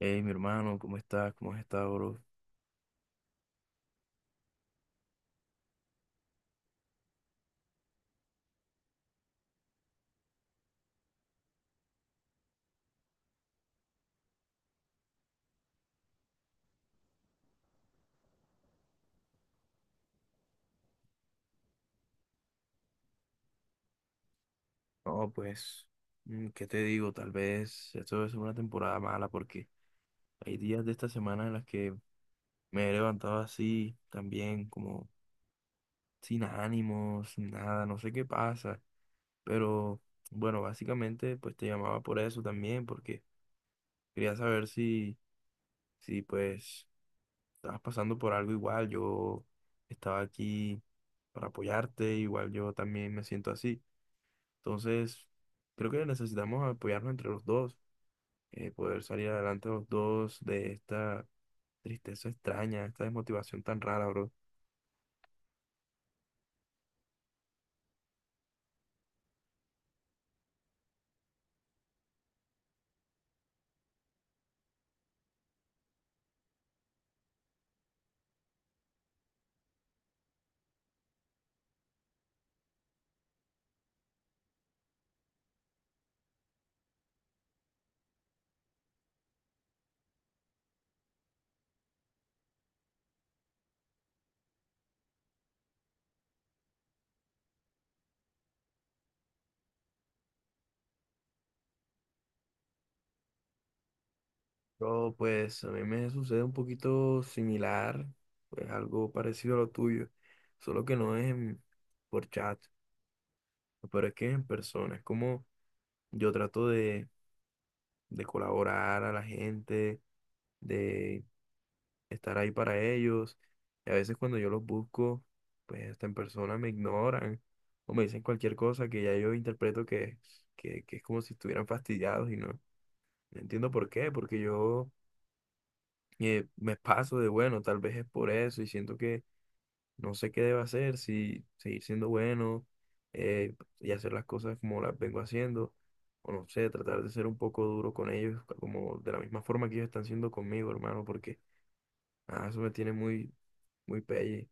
Hey, mi hermano, ¿cómo estás? ¿Cómo has estado, bro? No, pues, ¿qué te digo? Tal vez esto debe una temporada mala porque hay días de esta semana en las que me he levantado así, también como sin ánimos, sin nada, no sé qué pasa. Pero bueno, básicamente pues te llamaba por eso también, porque quería saber si pues estabas pasando por algo igual. Yo estaba aquí para apoyarte, igual yo también me siento así. Entonces, creo que necesitamos apoyarnos entre los dos, poder salir adelante los dos de esta tristeza extraña, esta desmotivación tan rara, bro. Bro, pues a mí me sucede un poquito similar, pues algo parecido a lo tuyo, solo que no es por chat, pero es que es en persona, es como yo trato de colaborar a la gente, estar ahí para ellos. Y a veces cuando yo los busco, pues hasta en persona me ignoran o me dicen cualquier cosa que ya yo interpreto que es como si estuvieran fastidiados y no entiendo por qué, porque yo me paso de bueno, tal vez es por eso y siento que no sé qué debo hacer, si seguir siendo bueno y hacer las cosas como las vengo haciendo. O no sé, tratar de ser un poco duro con ellos, como de la misma forma que ellos están siendo conmigo, hermano, porque eso me tiene muy, muy pelle.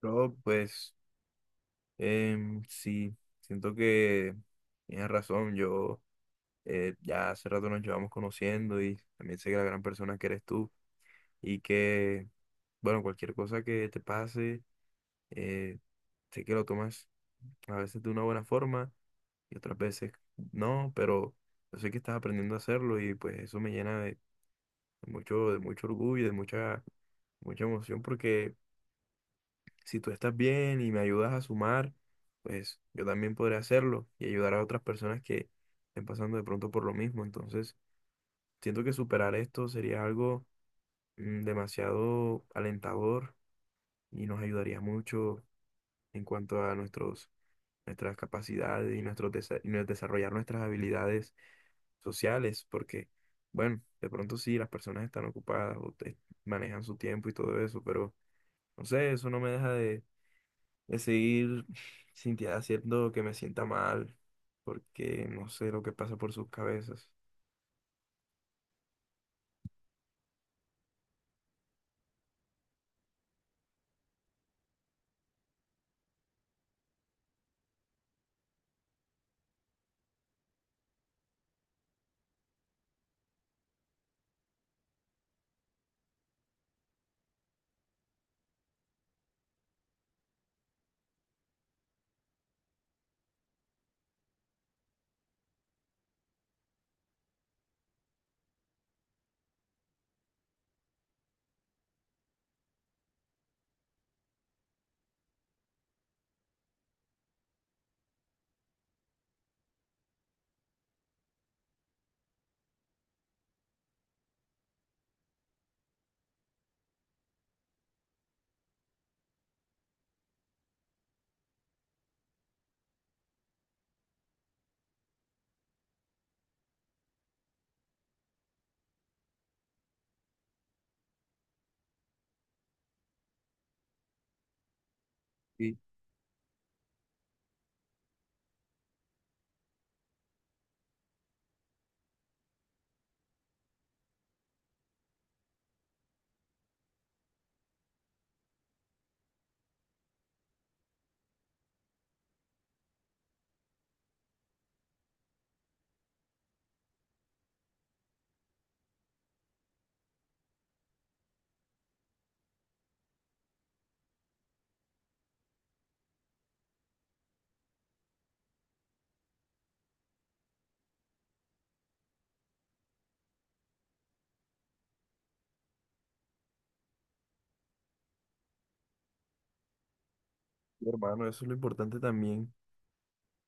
Pero pues sí, siento que tienes razón, yo ya hace rato nos llevamos conociendo y también sé que la gran persona que eres tú y que, bueno, cualquier cosa que te pase, eh, sé que lo tomas a veces de una buena forma y otras veces no, pero yo sé que estás aprendiendo a hacerlo y pues eso me llena de mucho, orgullo y de mucha emoción porque si tú estás bien y me ayudas a sumar, pues yo también podré hacerlo y ayudar a otras personas que estén pasando de pronto por lo mismo. Entonces, siento que superar esto sería algo demasiado alentador y nos ayudaría mucho en cuanto a nuestras capacidades y, nuestros desa- y nos- desarrollar nuestras habilidades sociales, porque, bueno, de pronto sí, las personas están ocupadas o manejan su tiempo y todo eso, pero no sé, eso no me deja de seguir haciendo que me sienta mal, porque no sé lo que pasa por sus cabezas. Y hermano, eso es lo importante también,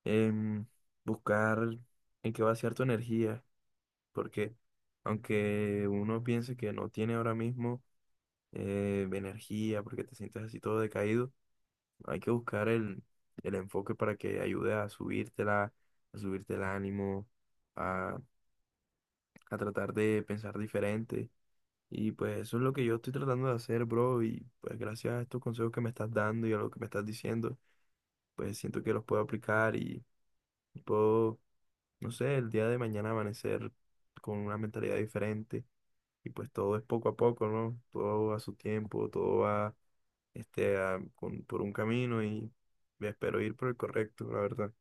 em, buscar en qué vaciar tu energía, porque aunque uno piense que no tiene ahora mismo energía, porque te sientes así todo decaído, hay que buscar el enfoque para que ayude a subírtela, a subirte el ánimo, a, a tratar de pensar diferente. Y pues eso es lo que yo estoy tratando de hacer, bro. Y pues gracias a estos consejos que me estás dando y a lo que me estás diciendo, pues siento que los puedo aplicar y puedo, no sé, el día de mañana amanecer con una mentalidad diferente. Y pues todo es poco a poco, ¿no? Todo va a su tiempo, todo va por un camino y me espero ir por el correcto, la verdad.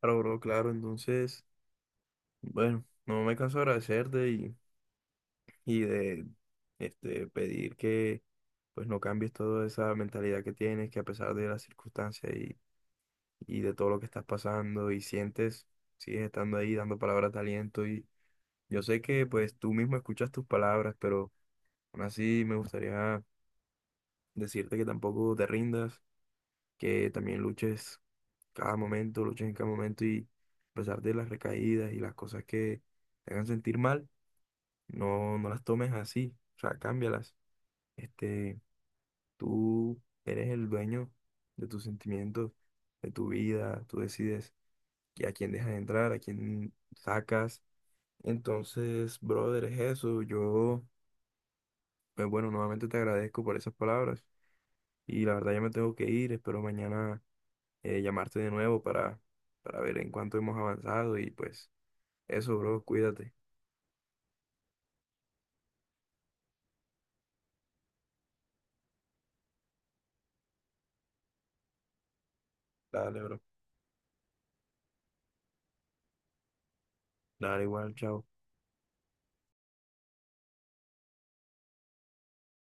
Claro, bro, claro. Entonces, bueno, no me canso de agradecerte y de pedir que pues no cambies toda esa mentalidad que tienes, que a pesar de las circunstancias y de todo lo que estás pasando y sientes, sigues estando ahí dando palabras de aliento y yo sé que pues tú mismo escuchas tus palabras, pero aún así me gustaría decirte que tampoco te rindas, que también luches cada momento, luches en cada momento y a pesar de las recaídas y las cosas que te hagan sentir mal, no las tomes así, o sea, cámbialas. Este, Tú eres el dueño de tus sentimientos, de tu vida, tú decides que a quién dejas entrar, a quién sacas. Entonces, brother, es eso. Yo, pues bueno, nuevamente te agradezco por esas palabras y la verdad ya me tengo que ir. Espero mañana llamarte de nuevo para ver en cuánto hemos avanzado y pues eso, bro, cuídate. Dale, bro. Dale igual, chao.